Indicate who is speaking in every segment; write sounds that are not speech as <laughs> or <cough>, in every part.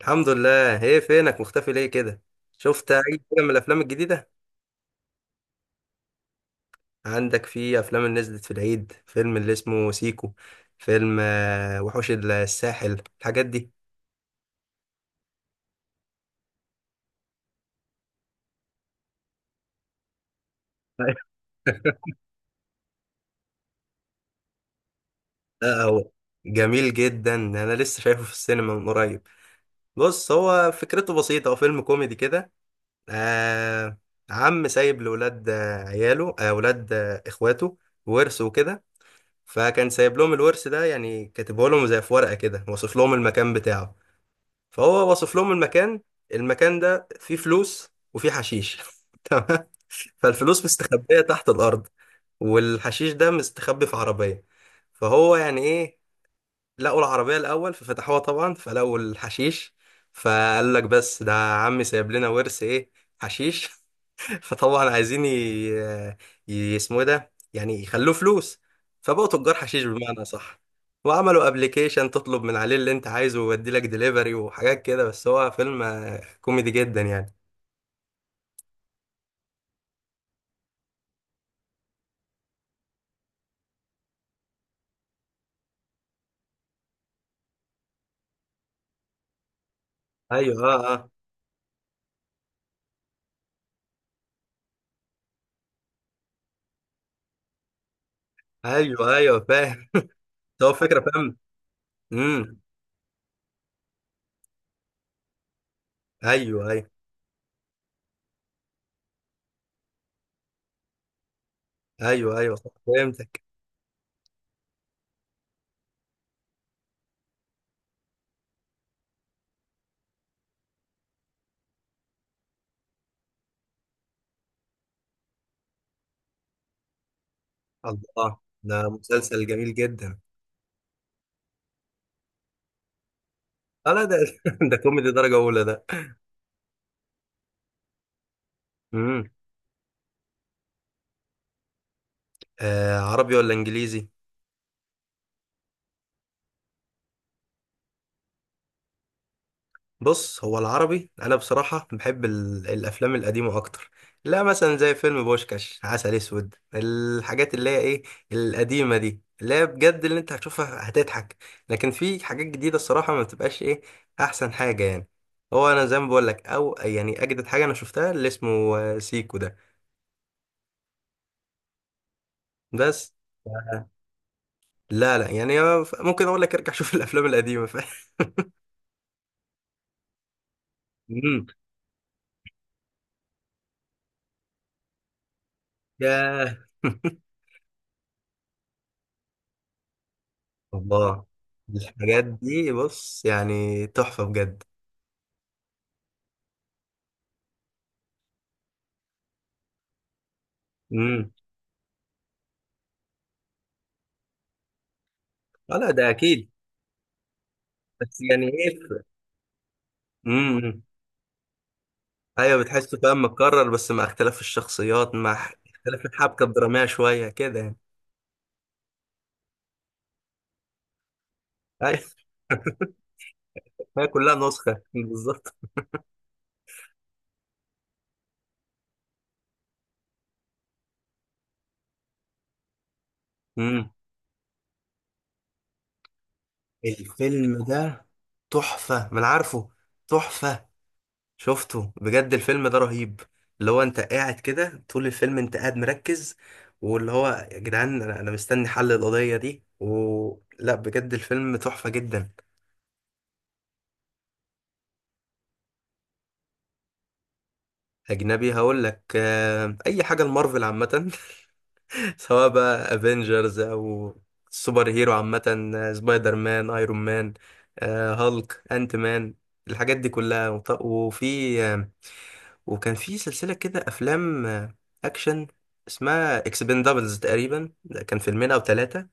Speaker 1: الحمد لله. ايه فينك مختفي ليه كده؟ شفت اي فيلم من الافلام الجديده؟ عندك في افلام اللي نزلت في العيد، فيلم اللي اسمه سيكو، فيلم وحوش الساحل، الحاجات دي. <laughs> لا، هو جميل جدا، انا لسه شايفه في السينما من قريب. بص، هو فكرته بسيطه، هو فيلم كوميدي كده. آه. عم سايب لاولاد، عياله، اولاد، اخواته، ورث وكده. فكان سايب لهم الورث ده، يعني كاتبه لهم زي في ورقه كده، واصف لهم المكان بتاعه. فهو واصف لهم المكان ده، فيه فلوس وفيه حشيش. <laughs> تمام. فالفلوس مستخبية تحت الأرض، والحشيش ده مستخبي في عربية. فهو يعني إيه؟ لقوا العربية الأول ففتحوها طبعا، فلقوا الحشيش. فقال لك بس ده عمي سايب لنا ورث إيه؟ حشيش! <laughs> فطبعا عايزين اسمه إيه ده، يعني يخلوه فلوس. فبقوا تجار حشيش بمعنى صح. وعملوا ابلكيشن تطلب من عليه اللي انت عايزه ويودي لك دليفري وحاجات كده. بس هو فيلم كوميدي جدا يعني. ايوه، اه، اه. ايوه، ايوه، فاهم. ده هو فكره، فاهم. امم. ايوه، ايوه. ايوه، ايوه، صح، فهمتك. الله، ده مسلسل جميل جدا. اه، لا، ده. <laughs> ده كوميدي درجه اولى ده. امم. آه، عربي ولا انجليزي؟ بص، هو العربي، انا بصراحه بحب الافلام القديمه اكتر. لا، مثلا زي فيلم بوشكاش، عسل اسود، الحاجات اللي هي ايه، القديمه دي، اللي هي بجد اللي انت هتشوفها هتضحك. لكن في حاجات جديده، الصراحه ما بتبقاش ايه احسن حاجه يعني. هو انا زي ما بقول لك، او يعني اجدد حاجه انا شفتها اللي اسمه سيكو ده. بس. آه، لا، لا، يعني ممكن اقول لك ارجع شوف <laughs> الافلام القديمه <laughs> مم. ياه. <laughs> الله، الحاجات دي بص يعني تحفة بجد. امم. آه، لا ده اكيد. بس يعني ايه. امم. ايوه، بتحسه فاهم، متكرر بس مع اختلاف الشخصيات، مع اختلاف الحبكة الدرامية شوية كده يعني. ايوه. <laughs> هي كلها نسخة بالظبط. امم. الفيلم ده تحفة، ما انا عارفه. تحفة. شفته بجد، الفيلم ده رهيب. اللي هو انت قاعد كده طول الفيلم، انت قاعد مركز. واللي هو يا جدعان، انا مستني حل القضية دي. و لا، بجد الفيلم تحفة جدا. اجنبي، هقول لك اي حاجة. المارفل عامة. <laughs> سواء بقى افنجرز او سوبر هيرو عامة، سبايدر مان، ايرون مان، هالك، انت مان، الحاجات دي كلها. وفي آه، وكان في سلسلة كده افلام اكشن اسمها اكسبندابلز. تقريبا ده كان فيلمين او ثلاثة.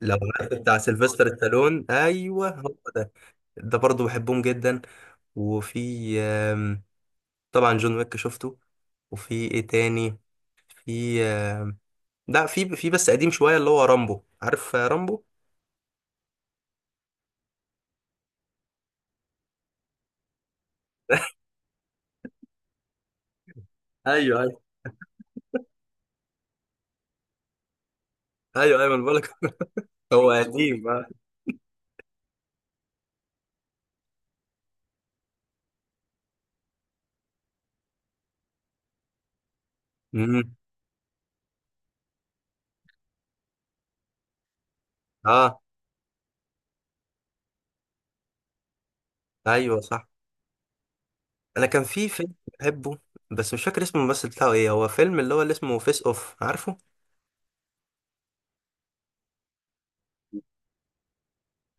Speaker 1: لو عرفت بتاع سيلفستر ستالون. ايوه، هو ده. ده برضه بحبهم جدا. وفي طبعا جون ويك شفته. وفي ايه تاني؟ في، لا، في بس قديم شويه اللي هو رامبو. عارف رامبو؟ ايوه، ايوه. ايوه، ايوه، انا بقول لك. <laughs> هو قديم، آه. امم. اه، ايوه، صح. انا كان في فيلم بحبه، بس مش فاكر اسمه، الممثل بتاعه ايه. هو فيلم اللي هو اللي اسمه فيس اوف، عارفه؟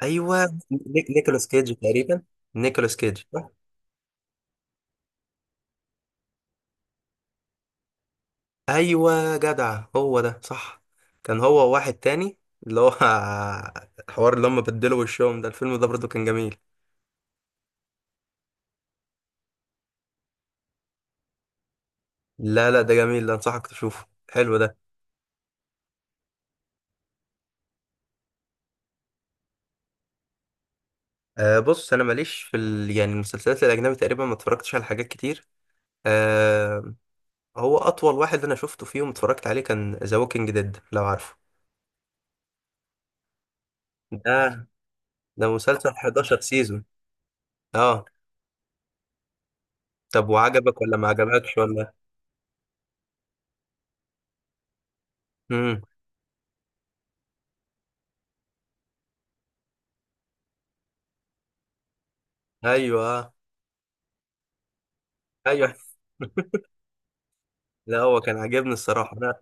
Speaker 1: ايوه، نيكولاس كيدج تقريبا. نيكولاس كيدج صح؟ ايوه، جدع، هو ده صح. كان هو واحد تاني اللي هو <laughs> الحوار اللي هم بدلوا وشهم ده، الفيلم ده برضه كان جميل. لا، لا، ده جميل ده، انصحك تشوفه حلو ده. أه، بص، انا ماليش في يعني المسلسلات الاجنبي، تقريبا ما اتفرجتش على حاجات كتير. أه. هو اطول واحد انا شفته فيهم، اتفرجت عليه، كان ذا ووكينج ديد، لو عارفه. ده. ده مسلسل 11 سيزون. اه. طب وعجبك ولا ما عجبكش ولا؟ امم. ايوه، ايوه. <laughs> لا، هو كان عاجبني الصراحه، لا.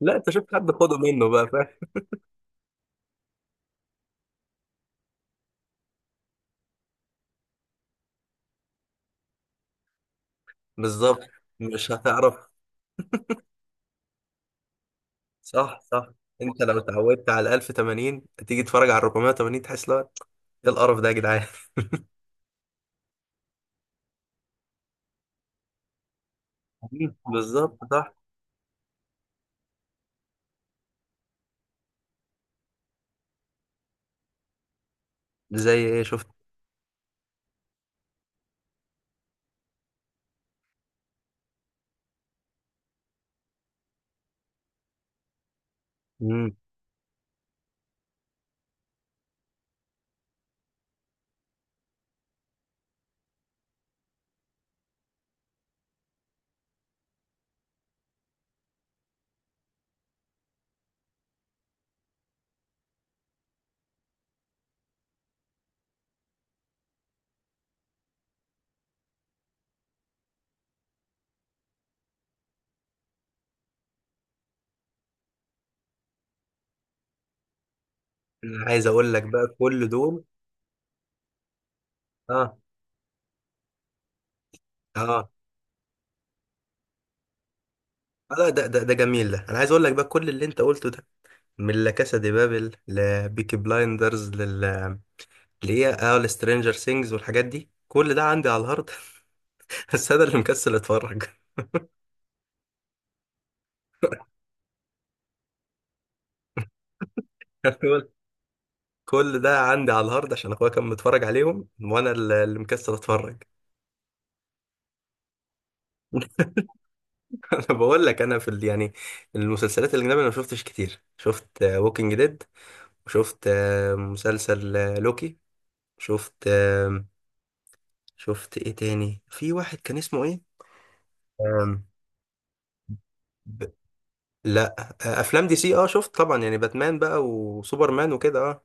Speaker 1: لا، انت شوف حد خده منه بقى، فاهم. بالظبط. مش هتعرف. صح، صح. انت لو اتعودت على 1080 تيجي تتفرج على 480 تحس لا، ايه القرف ده يا جدعان. <laughs> بالظبط. زي ايه شفت؟ مم. انا عايز اقول لك بقى كل دول. اه، اه، آه، لا، ده جميل ده، انا عايز اقول لك بقى كل اللي انت قلته ده، من لا كاسا دي بابل لبيكي بلايندرز لل ليه اه لسترينجر سينجز والحاجات دي، كل ده عندي على الهارد. <laughs> بس انا اللي مكسل اتفرج. <laughs> كل ده عندي على الهارد عشان اخويا كان متفرج عليهم، وانا اللي مكسل اتفرج. <laughs> انا بقول لك، انا في يعني المسلسلات الاجنبيه انا ما شفتش كتير. شفت ووكينج ديد، وشفت مسلسل لوكي. شفت شفت ايه تاني؟ في واحد كان اسمه ايه؟ آم، ب... لا، افلام دي سي. اه شفت طبعا، يعني باتمان بقى وسوبرمان وكده، اه.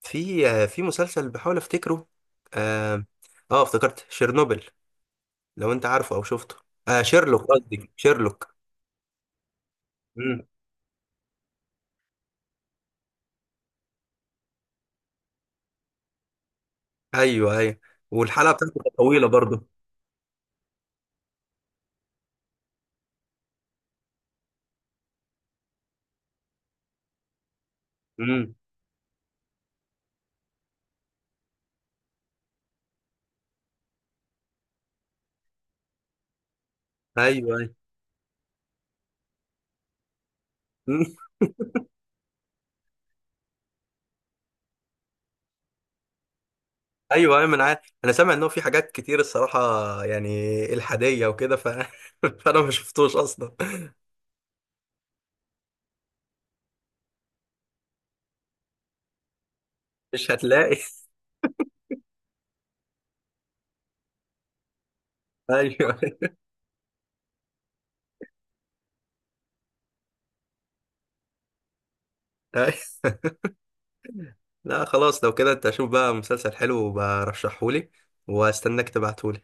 Speaker 1: في مسلسل بحاول افتكره. اه, افتكرت شيرنوبل، لو انت عارفه او شفته. آه، شيرلوك، قصدي شيرلوك. مم. ايوه، ايوه. والحلقه بتاعته كانت طويله برضه. امم. ايوه، ايوه. مم. <laughs> ايوه، ايوه، ما انا عارف. انا سامع ان هو في حاجات كتير الصراحه، يعني الحاديه وكده <laughs> فانا ما شفتوش اصلا. مش هتلاقي. <laughs> ايوه، ايوه. لا، خلاص لو كده، انت اشوف بقى مسلسل حلو وبرشحهولي، واستناك تبعتهولي.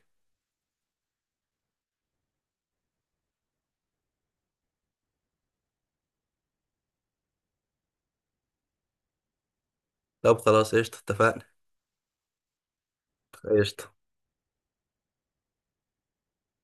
Speaker 1: طب خلاص، قشطة، اتفقنا. قشطة.